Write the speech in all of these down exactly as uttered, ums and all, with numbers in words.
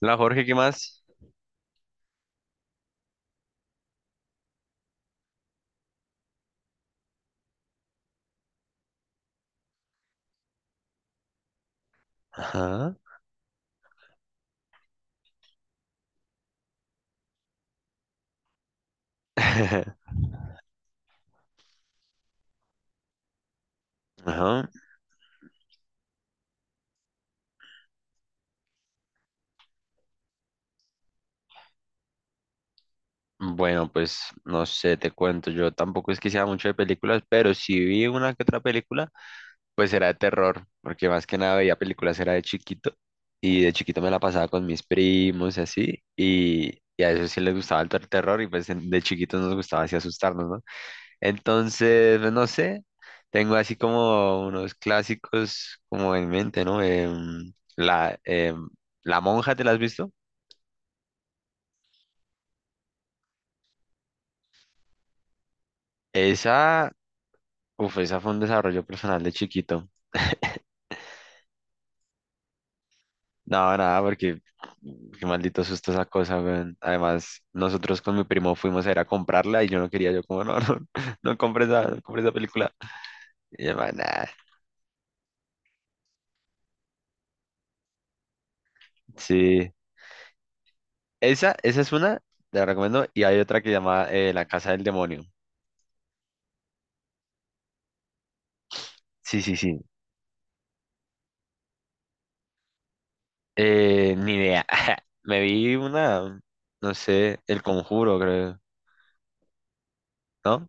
La Jorge, ¿qué más? Ajá. Ajá. Bueno, pues no sé, te cuento. Yo tampoco es que sea mucho de películas, pero si vi una que otra película, pues era de terror, porque más que nada veía películas era de chiquito y de chiquito me la pasaba con mis primos y, así, y, y a eso sí les gustaba el ter- terror y pues en- de chiquitos nos gustaba así asustarnos, ¿no? Entonces, pues, no sé, tengo así como unos clásicos como en mente, ¿no? Em, la, em, la monja, ¿te la has visto? Esa, uf, esa fue un desarrollo personal de chiquito. No, nada, porque qué maldito susto esa cosa, weón. Además, nosotros con mi primo fuimos a ir a comprarla y yo no quería, yo como, no, no, no compres esa, no compre esa película. Y yo, "Man, nah". Sí. Esa, esa es una, te la recomiendo, y hay otra que se llama eh, La Casa del Demonio. Sí, sí, sí. Eh, ni idea. Me vi una, no sé, El Conjuro, creo, ¿no?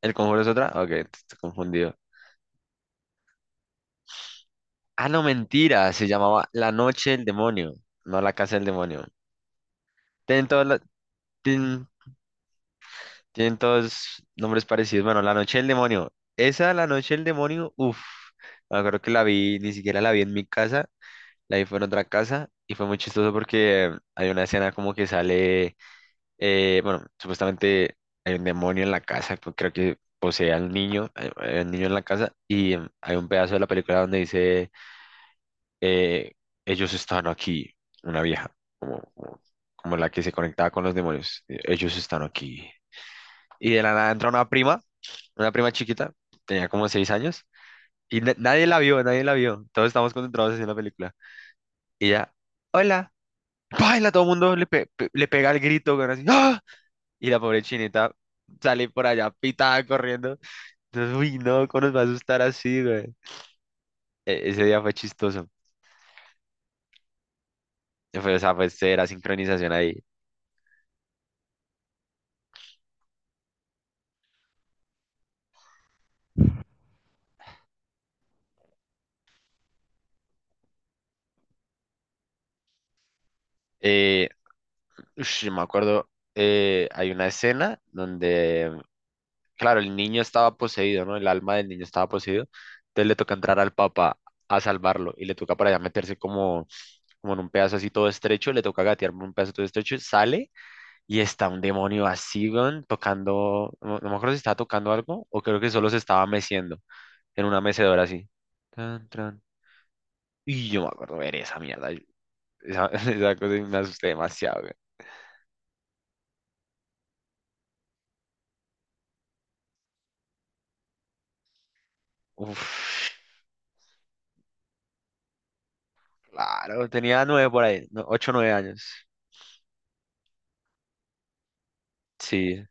¿El Conjuro es otra? Ok, estoy confundido. Ah, no, mentira, se llamaba La Noche del Demonio, no La Casa del Demonio. Tienen todos, la- tienen, tienen todos nombres parecidos. Bueno, La Noche del Demonio. Esa, La Noche del Demonio, uff, me acuerdo que la vi, ni siquiera la vi en mi casa, la vi fue en otra casa y fue muy chistoso porque hay una escena como que sale, eh, bueno, supuestamente hay un demonio en la casa, pues, creo que posee al niño, hay hay un niño en la casa y em, hay un pedazo de la película donde dice. eh, Ellos están aquí, una vieja, como, como, como la que se conectaba con los demonios, eh, ellos están aquí. Y de la nada entra una prima, una prima chiquita, tenía como seis años, y na- nadie la vio, nadie la vio, todos estábamos concentrados en la película. Y ella, hola, baila, todo el mundo le, pe- pe- le pega el grito, güey, así, ¡ah! Y la pobre chinita sale por allá pitada corriendo. Entonces, uy, no, ¿cómo nos va a asustar así, güey? E- ese día fue chistoso. Fue, o sea, pues era sincronización ahí. Eh, Ush, me acuerdo, eh, hay una escena donde, claro, el niño estaba poseído, ¿no? El alma del niño estaba poseído. Entonces le toca entrar al, papá a salvarlo y le toca para allá meterse como, como en un pedazo así todo estrecho, le toca gatear por un pedazo todo estrecho, sale y está un demonio así, weón, tocando, no, no me acuerdo si estaba tocando algo o creo que solo se estaba meciendo en una mecedora así. Tan, tran. Y yo me acuerdo ver esa mierda, yo- esa, esa cosa y me asusté demasiado, weón. Uf. Claro, tenía nueve por ahí, no, ocho, nueve años. Sí,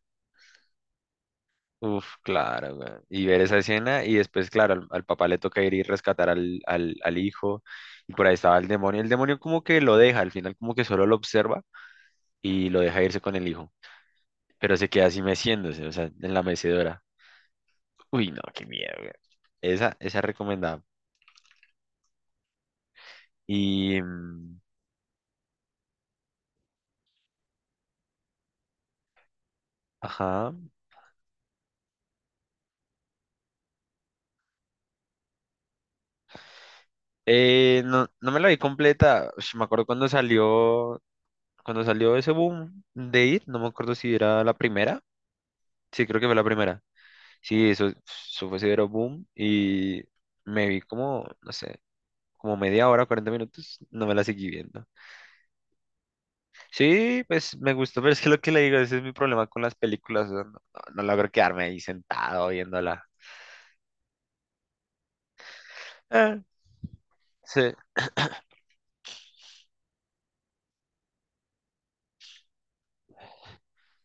uf, claro, weón. Y ver esa escena y después, claro, al, al papá le toca ir y rescatar al, al, al hijo y por ahí estaba el demonio. El demonio como que lo deja, al final como que solo lo observa y lo deja irse con el hijo, pero se queda así meciéndose, o sea, en la mecedora. Uy, no, qué miedo, weón. Esa, esa es recomendada. Y, mm, ajá. Eh, no, no me la vi completa. Ush, me acuerdo cuando salió. Cuando salió ese boom de I T, no me acuerdo si era la primera. Sí, creo que fue la primera. Sí, eso, eso fue severo boom y me vi como, no sé, como media hora, cuarenta minutos, no me la seguí viendo. Sí, pues me gustó, pero es que lo que le digo, ese es mi problema con las películas, o sea, no, no no logro quedarme ahí sentado viéndola. Eh, sí,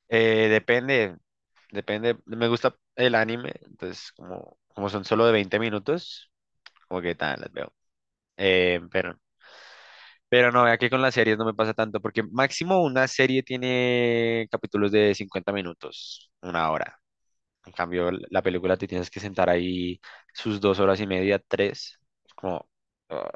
eh, depende, depende, me gusta el anime, entonces como, como son solo de veinte minutos, como que tal, las veo. Eh, pero Pero no, vea que con las series no me pasa tanto, porque máximo una serie tiene capítulos de cincuenta minutos, una hora. En cambio, l- la película te tienes que sentar ahí sus dos horas y media, tres. Es como, ah,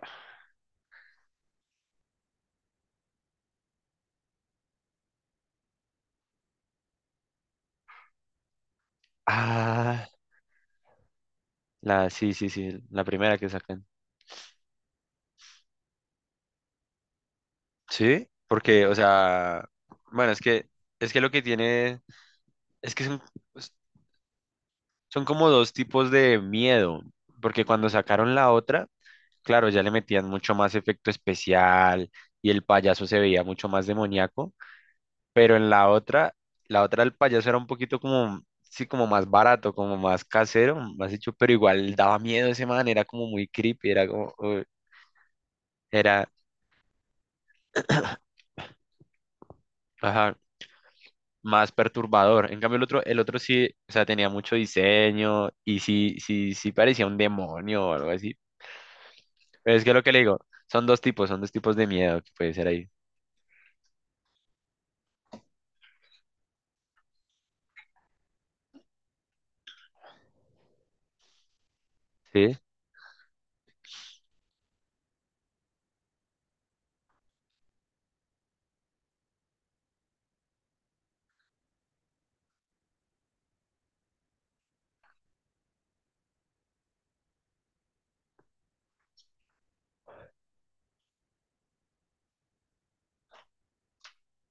ah, la, sí, sí, sí, la primera que sacan. Sí, porque, o sea, bueno, es que, es que lo que tiene, es que son, son como dos tipos de miedo, porque cuando sacaron la otra. Claro, ya le metían mucho más efecto especial y el payaso se veía mucho más demoníaco, pero en la otra, la otra el payaso era un poquito como, sí, como más barato, como más casero, más hecho, pero igual daba miedo ese man, era como muy creepy, era como, uy, era, ajá, más perturbador. En cambio el otro, el otro sí, o sea, tenía mucho diseño y sí, sí, sí parecía un demonio o algo así. Pero es que lo que le digo, son dos tipos, son dos tipos de miedo que puede ser ahí. Sí,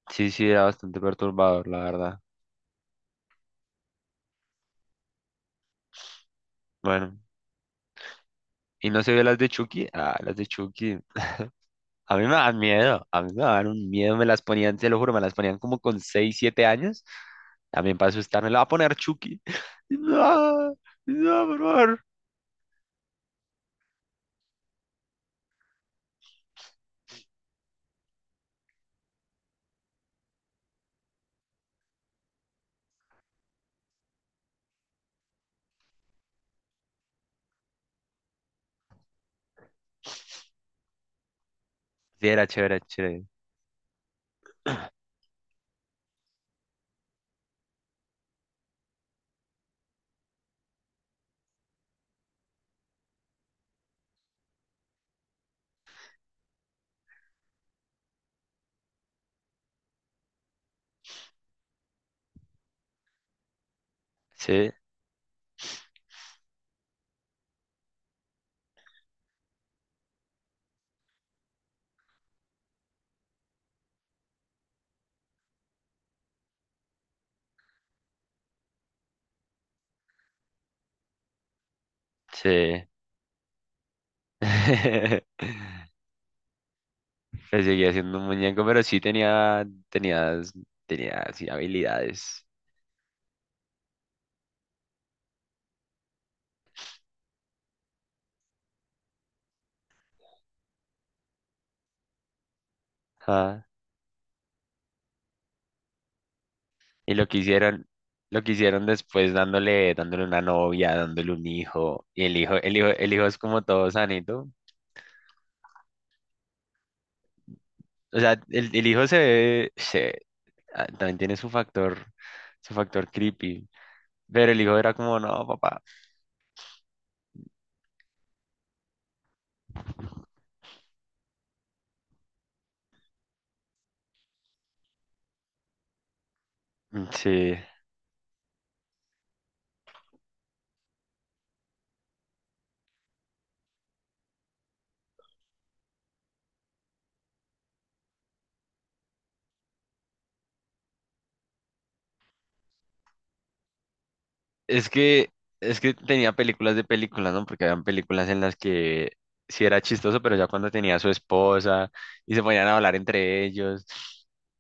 sí, sí, era bastante perturbador, la verdad. Bueno, y no se vio las de Chucky. Ah, las de Chucky. A mí me dan miedo, a mí me dan un miedo, me las ponían, te lo juro, me las ponían como con seis siete años, también para asustarme, la va a poner Chucky. No, no, por favor. Sí, era chévere, chévere. Sí, sí. Pero seguía siendo un muñeco, pero sí tenía, tenía, tenía, sí, habilidades. Y lo que hicieron, lo que hicieron después dándole, dándole una novia, dándole un hijo, y el hijo, el hijo, el hijo es como todo sanito. O sea, el, el hijo se ve, se, ah, también tiene su factor, su factor creepy. Pero el hijo era como, no, papá. Mm, sí. Es que, es que tenía películas de películas, ¿no? Porque habían películas en las que sí era chistoso, pero ya cuando tenía a su esposa y se ponían a hablar entre ellos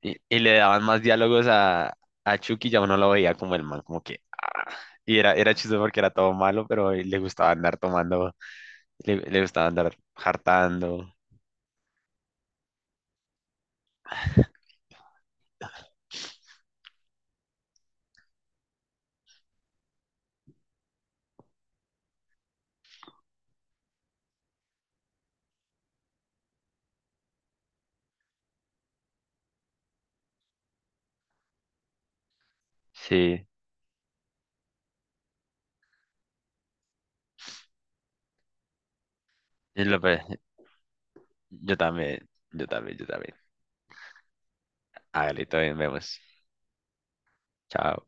y, y le daban más diálogos a, a Chucky, ya uno lo veía como el mal, como que... ah. Y era, era chistoso porque era todo malo, pero le gustaba andar tomando, le, le gustaba andar hartando. Sí, y lo pe- yo también, yo también, yo también. Hágale, todavía vemos. Chao.